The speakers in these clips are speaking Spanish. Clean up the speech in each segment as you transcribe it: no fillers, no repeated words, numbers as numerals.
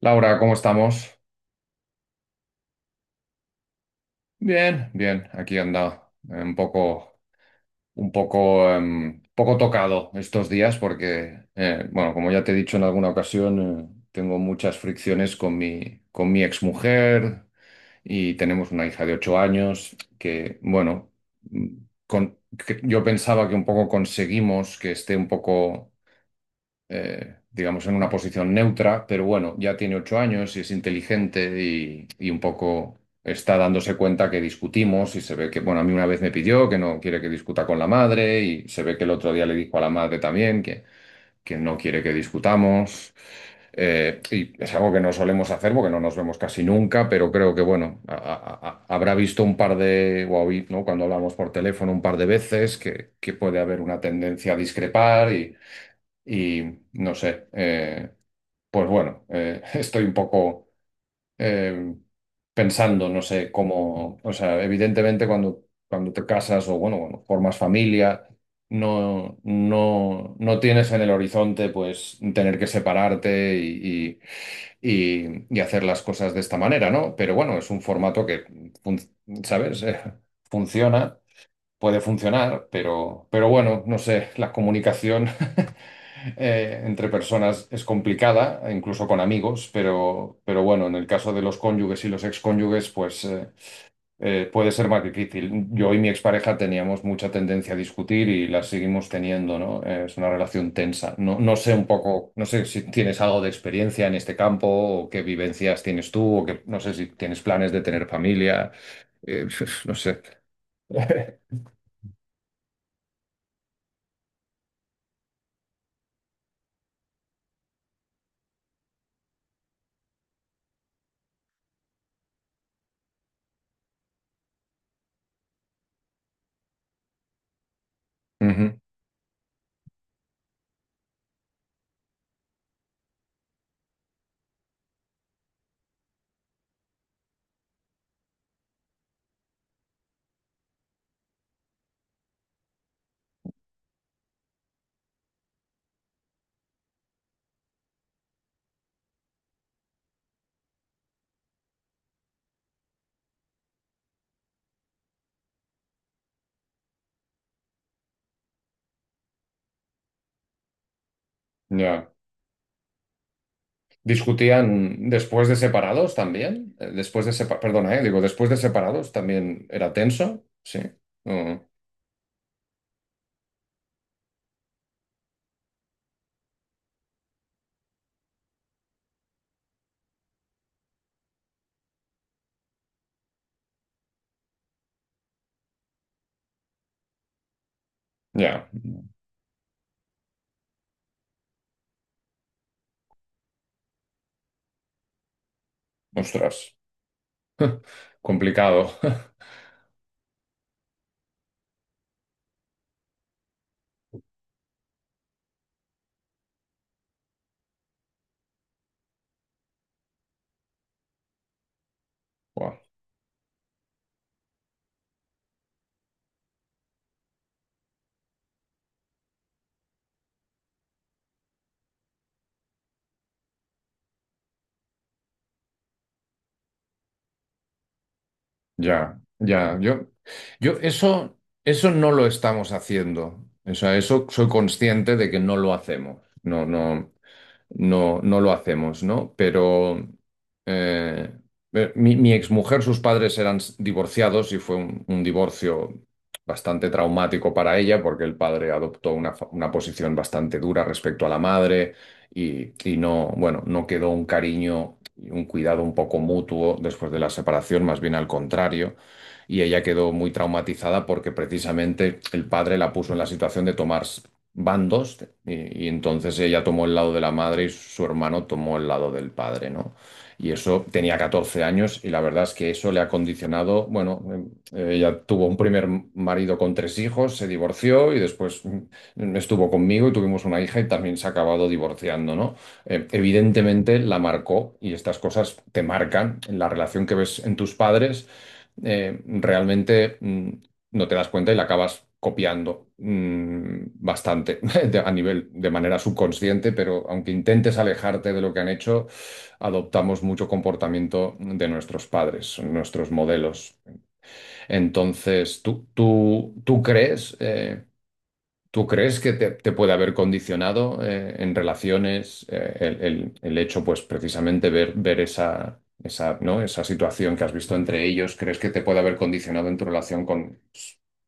Laura, ¿cómo estamos? Bien, bien, aquí anda. Un poco tocado estos días porque, bueno, como ya te he dicho en alguna ocasión, tengo muchas fricciones con con mi exmujer y tenemos una hija de 8 años que, bueno, mm, con- que yo pensaba que un poco conseguimos que esté un poco digamos, en una posición neutra, pero bueno, ya tiene 8 años y es inteligente y un poco está dándose cuenta que discutimos y se ve que, bueno, a mí una vez me pidió que no quiere que discuta con la madre y se ve que el otro día le dijo a la madre también que, no quiere que discutamos. Y es algo que no solemos hacer porque no nos vemos casi nunca, pero creo que, bueno, habrá visto un par de, ¿no? Cuando hablamos por teléfono un par de veces que, puede haber una tendencia a discrepar y no sé, pues bueno, estoy un poco eh, pensando, no sé cómo, o sea, evidentemente cuando, te casas o bueno, cuando formas familia, no, no, no tienes en el horizonte pues tener que separarte y hacer las cosas de esta manera, ¿no? Pero bueno, es un formato que, fun- ¿sabes? funciona, puede funcionar, pero bueno, no sé, la comunicación. Entre personas es complicada, incluso con amigos, pero bueno, en el caso de los cónyuges y los excónyuges, pues puede ser más difícil. Yo y mi expareja teníamos mucha tendencia a discutir y la seguimos teniendo, ¿no? Es una relación tensa. No, no sé un poco, no sé si tienes algo de experiencia en este campo o qué vivencias tienes tú o que no sé si tienes planes de tener familia, eh, no sé. Ujú. Ya. Discutían después de separados también. Perdona, digo, después de separados también era tenso. Sí. Mm. Ya. Ostras. Complicado. Buah. Ya, ya. Yo eso no lo estamos haciendo. O sea, eso soy consciente de que no lo hacemos. No, no. No, no lo hacemos, ¿no? Pero eh, mi exmujer, sus padres eran divorciados y fue un divorcio bastante traumático para ella porque el padre adoptó una posición bastante dura respecto a la madre y no, bueno, no quedó un cariño y un cuidado un poco mutuo después de la separación, más bien al contrario. Y ella quedó muy traumatizada porque precisamente el padre la puso en la situación de tomar van dos, y entonces ella tomó el lado de la madre y su hermano tomó el lado del padre, ¿no? Y eso tenía 14 años y la verdad es que eso le ha condicionado, bueno, ella tuvo un primer marido con tres hijos, se divorció y después estuvo conmigo y tuvimos una hija y también se ha acabado divorciando, ¿no? Evidentemente la marcó y estas cosas te marcan en la relación que ves en tus padres realmente no te das cuenta y la acabas copiando bastante a nivel de manera subconsciente, pero aunque intentes alejarte de lo que han hecho, adoptamos mucho comportamiento de nuestros padres, nuestros modelos. Entonces, ¿tú crees? ¿Tú crees que te puede haber condicionado en relaciones el hecho, pues precisamente ver esa, esa, ¿no? esa situación que has visto entre ellos? ¿Crees que te puede haber condicionado en tu relación con,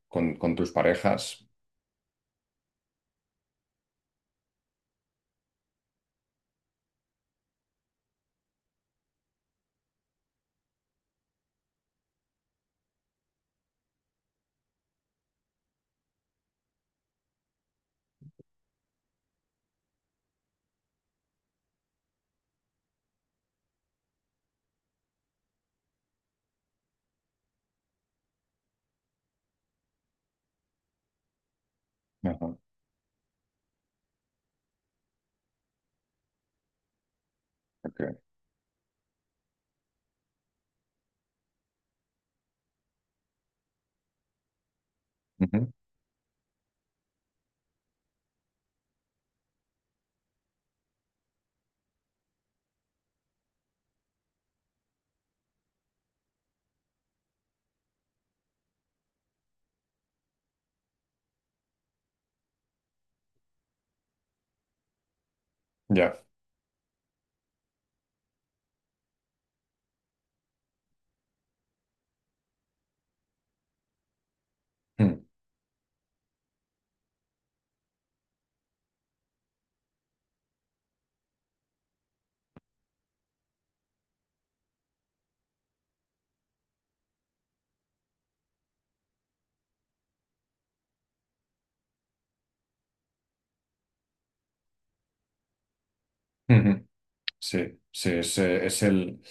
con tus parejas? Ajá, ok. Ujú. Ya. Mm. Sí, sí, es,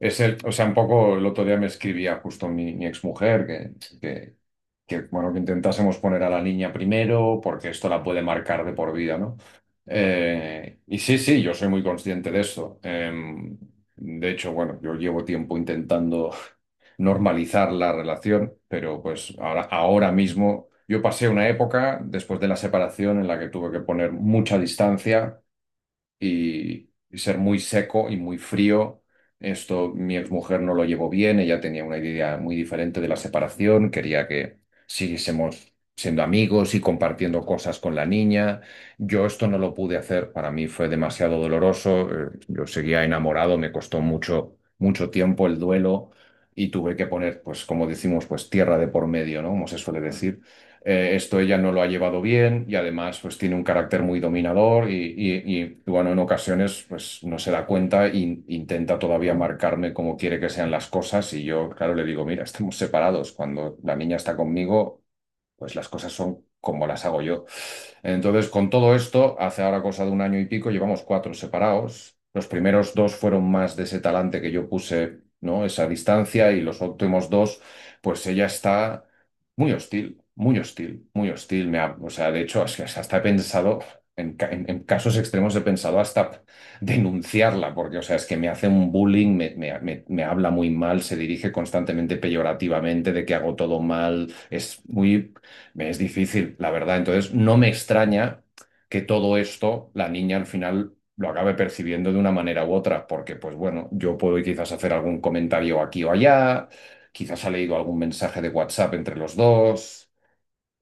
es el, o sea, un poco el otro día me escribía justo mi exmujer que, que, bueno, que intentásemos poner a la niña primero porque esto la puede marcar de por vida, ¿no? Y sí, sí, yo soy muy consciente de eso. De hecho, bueno, yo llevo tiempo intentando normalizar la relación, pero pues ahora mismo yo pasé una época después de la separación en la que tuve que poner mucha distancia y ser muy seco y muy frío. Esto mi exmujer no lo llevó bien, ella tenía una idea muy diferente de la separación, quería que siguiésemos siendo amigos y compartiendo cosas con la niña. Yo esto no lo pude hacer, para mí fue demasiado doloroso, yo seguía enamorado, me costó mucho, mucho tiempo el duelo y tuve que poner, pues como decimos, pues tierra de por medio, ¿no? Como se suele decir esto ella no lo ha llevado bien y además pues tiene un carácter muy dominador y, bueno, en ocasiones pues no se da cuenta e intenta todavía marcarme cómo quiere que sean las cosas y yo, claro, le digo, mira, estamos separados, cuando la niña está conmigo, pues las cosas son como las hago yo. Entonces, con todo esto, hace ahora cosa de un año y pico, llevamos cuatro separados. Los primeros dos fueron más de ese talante que yo puse, ¿no? Esa distancia y los últimos dos, pues ella está muy hostil, muy hostil, muy hostil. O sea, de hecho, es que hasta he pensado, en casos extremos he pensado hasta denunciarla, porque, o sea, es que me hace un bullying, me habla muy mal, se dirige constantemente peyorativamente de que hago todo mal, es muy... Me es difícil, la verdad. Entonces, no me extraña que todo esto la niña al final lo acabe percibiendo de una manera u otra, porque pues bueno, yo puedo quizás hacer algún comentario aquí o allá, quizás ha leído algún mensaje de WhatsApp entre los dos.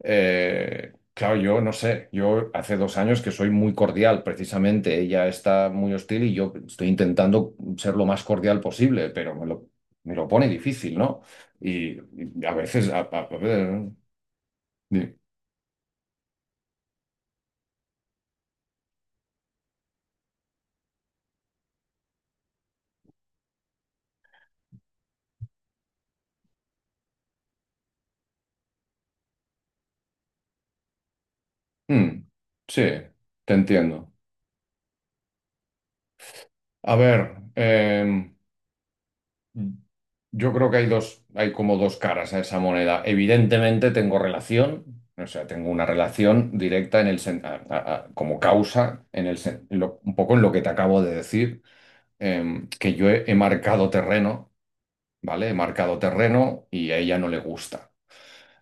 Claro, yo no sé, yo hace 2 años que soy muy cordial, precisamente, ella está muy hostil y yo estoy intentando ser lo más cordial posible, pero me lo pone difícil, ¿no? Y, y a veces, ¿no? Mm, sí, te entiendo. A ver, em, yo creo que hay dos, hay como dos caras a esa moneda. Evidentemente tengo relación, o sea, tengo una relación directa en el como causa en el un poco en lo que te acabo de decir, que yo he marcado terreno, ¿vale? He marcado terreno y a ella no le gusta.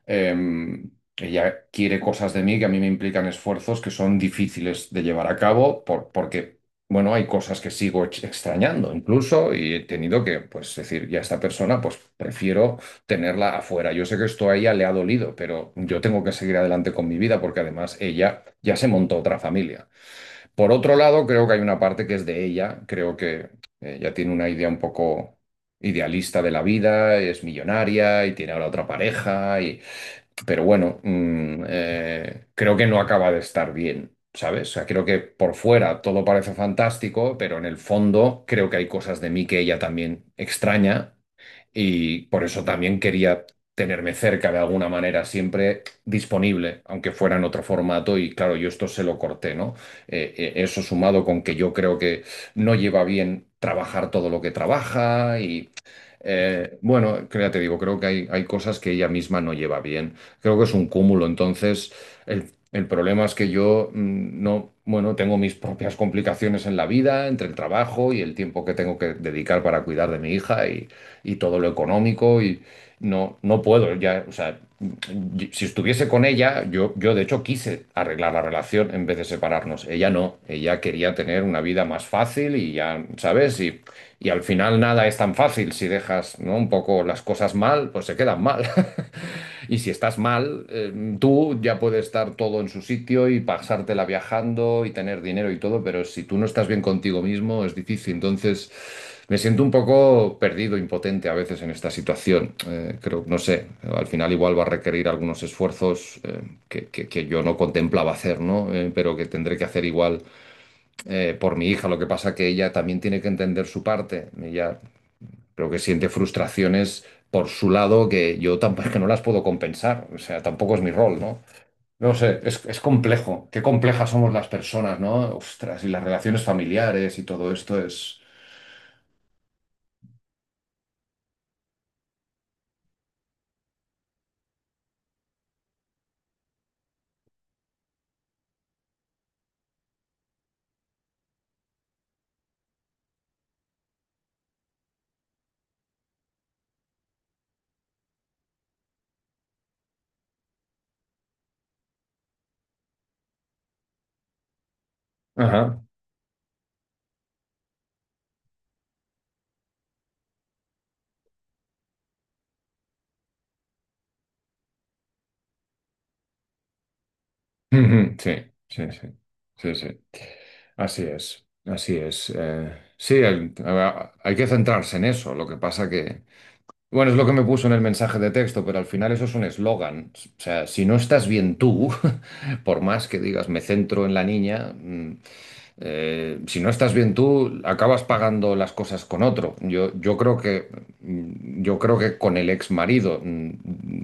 Em, Ella quiere cosas de mí que a mí me implican esfuerzos que son difíciles de llevar a cabo porque, bueno, hay cosas que sigo extrañando incluso y he tenido que, pues, decir, ya esta persona, pues, prefiero tenerla afuera. Yo sé que esto a ella le ha dolido, pero yo tengo que seguir adelante con mi vida porque además ella ya se montó otra familia. Por otro lado, creo que hay una parte que es de ella, creo que ella tiene una idea un poco idealista de la vida, es millonaria y tiene ahora otra pareja y, pero bueno, creo que no acaba de estar bien, ¿sabes? O sea, creo que por fuera todo parece fantástico, pero en el fondo creo que hay cosas de mí que ella también extraña y por eso también quería tenerme cerca de alguna manera, siempre disponible, aunque fuera en otro formato y claro, yo esto se lo corté, ¿no? Eso sumado con que yo creo que no lleva bien trabajar todo lo que trabaja y bueno, que ya te digo, creo que hay cosas que ella misma no lleva bien. Creo que es un cúmulo. Entonces, el problema es que yo no, bueno, tengo mis propias complicaciones en la vida, entre el trabajo y el tiempo que tengo que dedicar para cuidar de mi hija y todo lo económico y no, no puedo ya, o sea si estuviese con ella, yo de hecho quise arreglar la relación en vez de separarnos. Ella no, ella quería tener una vida más fácil y ya, ¿sabes? Y al final nada es tan fácil. Si dejas, ¿no? un poco las cosas mal, pues se quedan mal. Y si estás mal, tú ya puedes estar todo en su sitio y pasártela viajando y tener dinero y todo, pero si tú no estás bien contigo mismo, es difícil. Entonces... Me siento un poco perdido, impotente a veces en esta situación. Creo, no sé, al final igual va a requerir algunos esfuerzos que yo no contemplaba hacer, ¿no? Pero que tendré que hacer igual por mi hija. Lo que pasa que ella también tiene que entender su parte. Ella creo que siente frustraciones por su lado que yo tampoco que no las puedo compensar. O sea, tampoco es mi rol, ¿no? No sé, es complejo. Qué complejas somos las personas, ¿no? Ostras, y las relaciones familiares y todo esto es... Ajá. Ujú. Sí, sí, sí, sí, sí. Así es, así es. Sí, hay que centrarse en eso. Lo que pasa que, bueno, es lo que me puso en el mensaje de texto, pero al final eso es un eslogan. O sea, si no estás bien tú, por más que digas me centro en la niña, si no estás bien tú, acabas pagando las cosas con otro. Yo creo que, yo creo que con el ex marido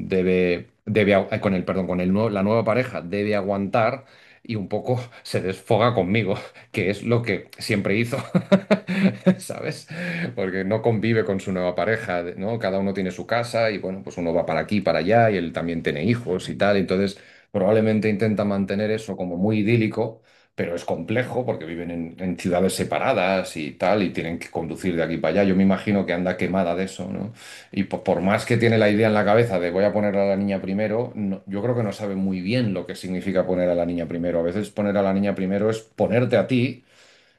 debe, debe, agu- con el, perdón, la nueva pareja debe aguantar y un poco se desfoga conmigo, que es lo que siempre hizo, ¿sabes? Porque no convive con su nueva pareja, ¿no? Cada uno tiene su casa y bueno, pues uno va para aquí, para allá y él también tiene hijos y tal, entonces probablemente intenta mantener eso como muy idílico, pero es complejo porque viven en ciudades separadas y tal y tienen que conducir de aquí para allá. Yo me imagino que anda quemada de eso, ¿no? Y por, más que tiene la idea en la cabeza de voy a poner a la niña primero, yo creo que no sabe muy bien lo que significa poner a la niña primero. A veces poner a la niña primero es ponerte a ti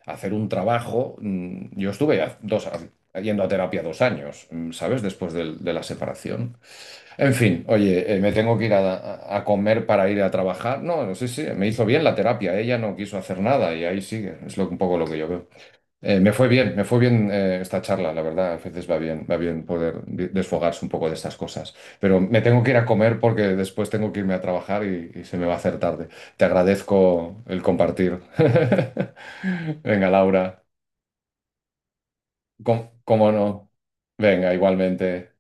hacer un trabajo. Yo estuve yendo a terapia 2 años, ¿sabes? Después de la separación. En fin, oye, me tengo que ir a comer para ir a trabajar. No, sí, sí, me hizo bien la terapia. Ella no quiso hacer nada y ahí sigue. Es lo, un poco lo que yo veo. Me fue bien, me fue bien esta charla, la verdad. A veces va bien poder desfogarse un poco de estas cosas. Pero me tengo que ir a comer porque después tengo que irme a trabajar y se me va a hacer tarde. Te agradezco el compartir. Venga, Laura, cómo no. Venga, igualmente.